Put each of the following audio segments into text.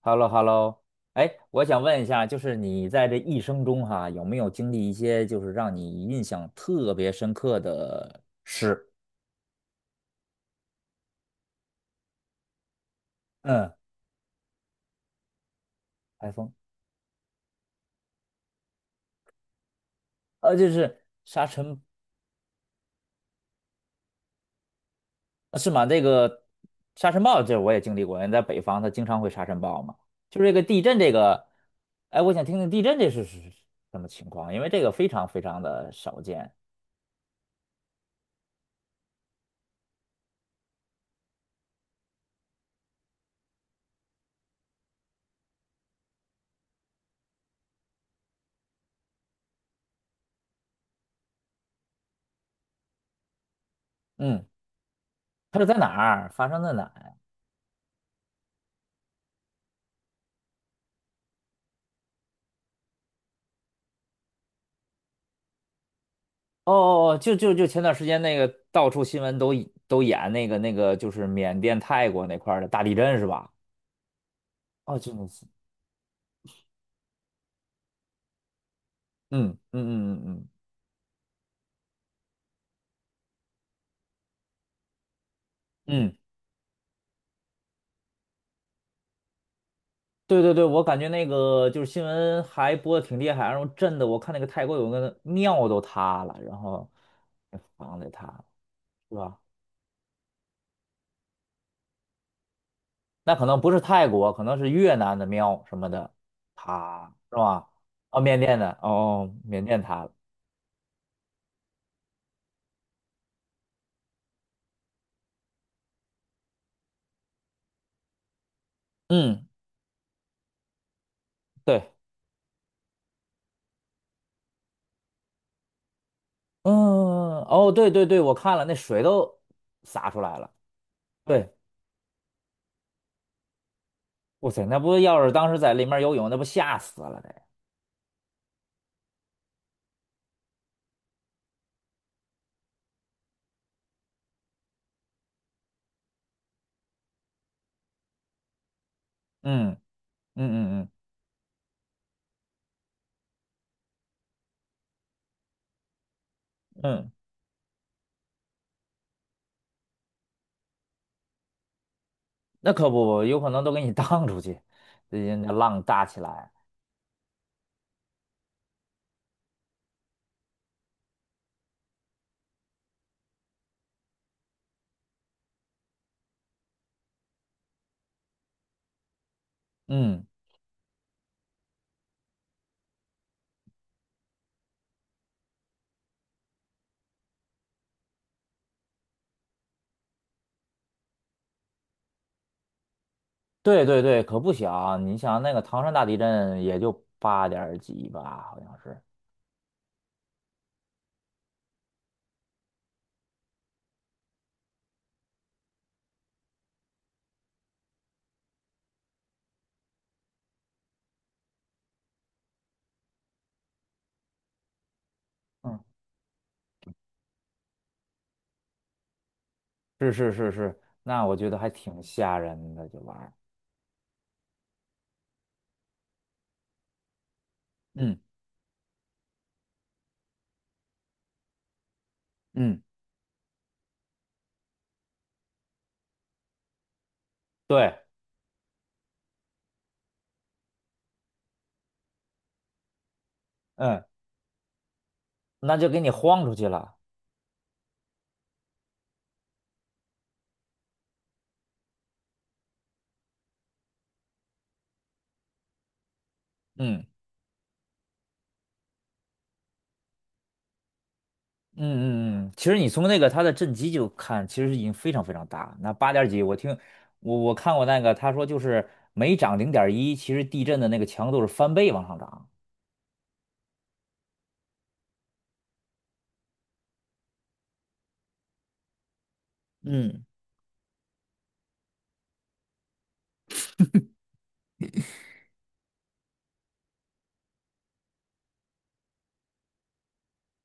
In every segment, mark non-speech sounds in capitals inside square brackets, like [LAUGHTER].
h e l l o h e l l o 哎，我想问一下，就是你在这一生中哈，有没有经历一些就是让你印象特别深刻的事？嗯，台风，就是沙尘，是吗？这个沙尘暴，这我也经历过，因为在北方它经常会沙尘暴嘛。就是这个地震，这个，哎，我想听听地震这是什么情况，因为这个非常非常的少见。嗯，它是在哪儿发生在哪。哦哦哦，就前段时间那个到处新闻都演那个就是缅甸泰国那块儿的大地震是吧？哦，就那次，嗯嗯嗯嗯嗯嗯，对对对，我感觉那个就是新闻还播的挺厉害，然后震的我看那个泰国有个庙都塌了，然后那房子也塌了，是吧？那可能不是泰国，可能是越南的庙什么的塌，是吧？哦，缅甸的，哦哦，缅甸塌了，嗯，对。嗯，哦，对对对，我看了，那水都洒出来了。对，哇塞，那不要是当时在里面游泳，那不吓死了得。嗯嗯嗯嗯嗯，那可不，有可能都给你 [LAUGHS] 荡出去，最近那浪大起来。嗯，对对对，可不小。你想那个唐山大地震也就八点几吧，好像是。嗯，是是是是，那我觉得还挺吓人的，这玩意儿。嗯嗯，对，嗯，那就给你晃出去了。嗯。嗯嗯嗯，其实你从那个它的震级就看，其实已经非常非常大。那八点儿几，我听我看过那个，他说就是每涨零点一，其实地震的那个强度是翻倍往上涨，嗯，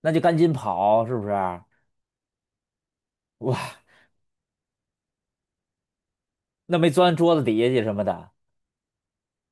那就赶紧跑，是不是啊？哇，那没钻桌子底下去什么的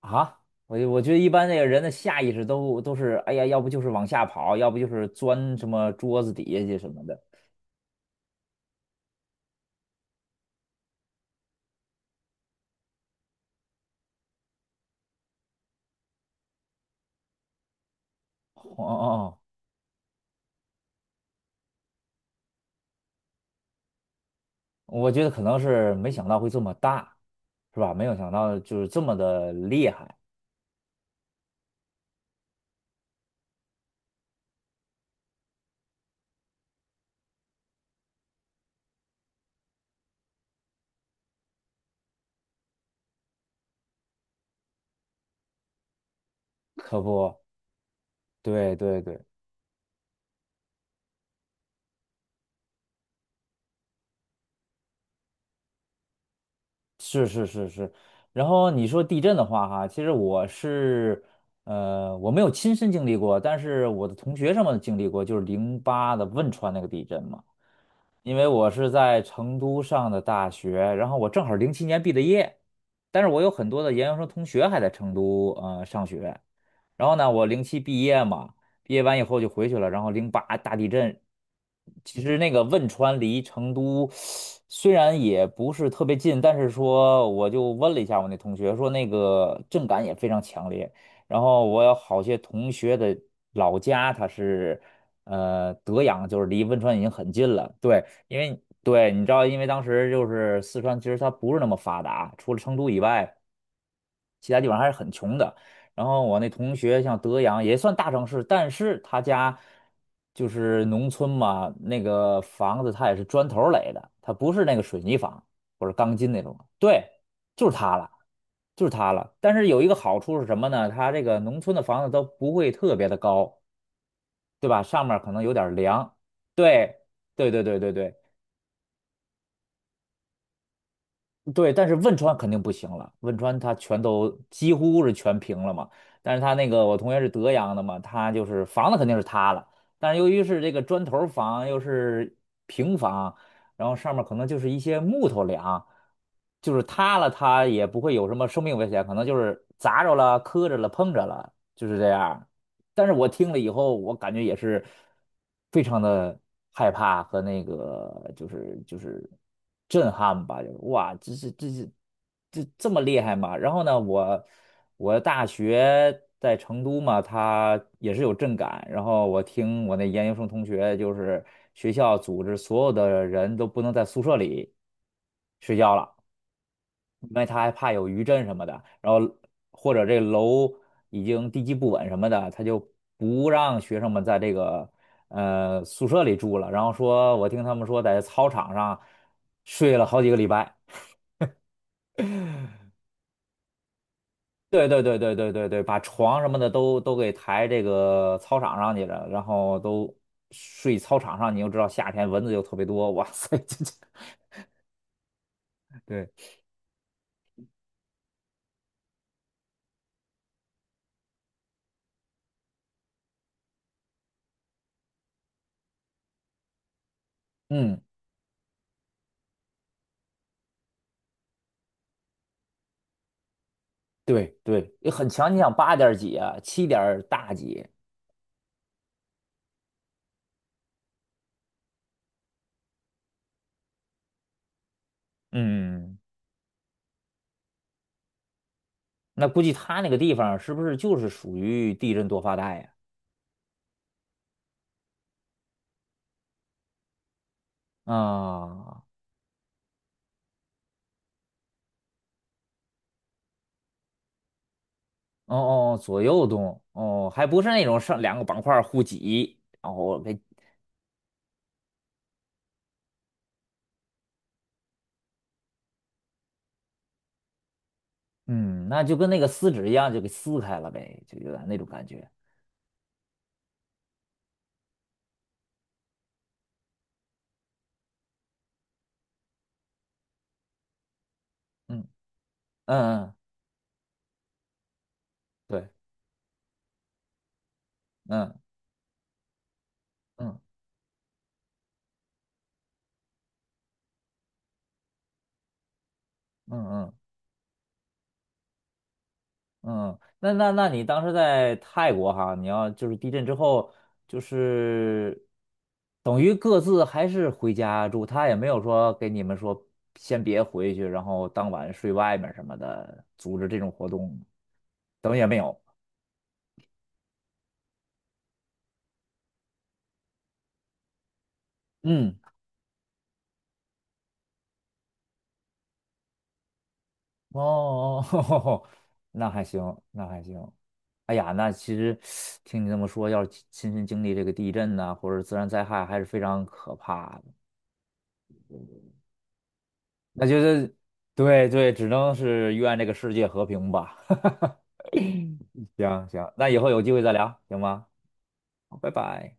啊？我就我觉得一般那个人的下意识都是，哎呀，要不就是往下跑，要不就是钻什么桌子底下去什么的。哦哦哦，我觉得可能是没想到会这么大，是吧？没有想到就是这么的厉害。可不，对对对，是是是是。然后你说地震的话，哈，其实我是，我没有亲身经历过，但是我的同学什么的经历过，就是零八的汶川那个地震嘛。因为我是在成都上的大学，然后我正好零七年毕的业，但是我有很多的研究生同学还在成都上学。然后呢，我零七毕业嘛，毕业完以后就回去了。然后零八大地震，其实那个汶川离成都虽然也不是特别近，但是说我就问了一下我那同学，说那个震感也非常强烈。然后我有好些同学的老家，他是德阳，就是离汶川已经很近了。对，因为对你知道，因为当时就是四川，其实它不是那么发达，除了成都以外。其他地方还是很穷的。然后我那同学像德阳也算大城市，但是他家就是农村嘛，那个房子他也是砖头儿垒的，他不是那个水泥房或者钢筋那种。对，就是塌了，就是塌了。但是有一个好处是什么呢？他这个农村的房子都不会特别的高，对吧？上面儿可能有点儿凉。对，对对对对对。对，但是汶川肯定不行了，汶川它全都几乎是全平了嘛。但是它那个我同学是德阳的嘛，他就是房子肯定是塌了，但是由于是这个砖头房又是平房，然后上面可能就是一些木头梁，就是塌了它也不会有什么生命危险，可能就是砸着了、磕着了、碰着了，就是这样。但是我听了以后，我感觉也是非常的害怕和那个就是震撼吧，就是哇，这是这是这这么厉害吗？然后呢，我大学在成都嘛，它也是有震感，然后我听我那研究生同学就是学校组织所有的人都不能在宿舍里睡觉了。因为他还怕有余震什么的，然后或者这楼已经地基不稳什么的，他就不让学生们在这个宿舍里住了，然后说我听他们说在操场上睡了好几个礼拜，对对对对对对对，把床什么的都给抬这个操场上去了，然后都睡操场上，你又知道夏天蚊子又特别多，哇塞，[LAUGHS] 这这，对，嗯，对对，也很强，你想八点儿几啊，七点儿大几，嗯。那估计他那个地方是不是就是属于地震多发带呀？啊，哦哦，哦左右动，哦，还不是那种上两个板块互挤，然后给，嗯，那就跟那个撕纸一样，就给撕开了呗，就有点那种感觉。嗯嗯嗯，对，嗯嗯嗯嗯嗯嗯，那你当时在泰国哈，你要就是地震之后，就是等于各自还是回家住，他也没有说给你们说先别回去，然后当晚睡外面什么的，组织这种活动，等于也没有。嗯，哦，[LAUGHS] 哦那还行，那还行。哎呀，那其实听你这么说，要是亲身经历这个地震呐、或者自然灾害，还是非常可怕的。那就是对对，只能是愿这个世界和平吧。[LAUGHS] 行行，那以后有机会再聊，行吗？好，拜拜。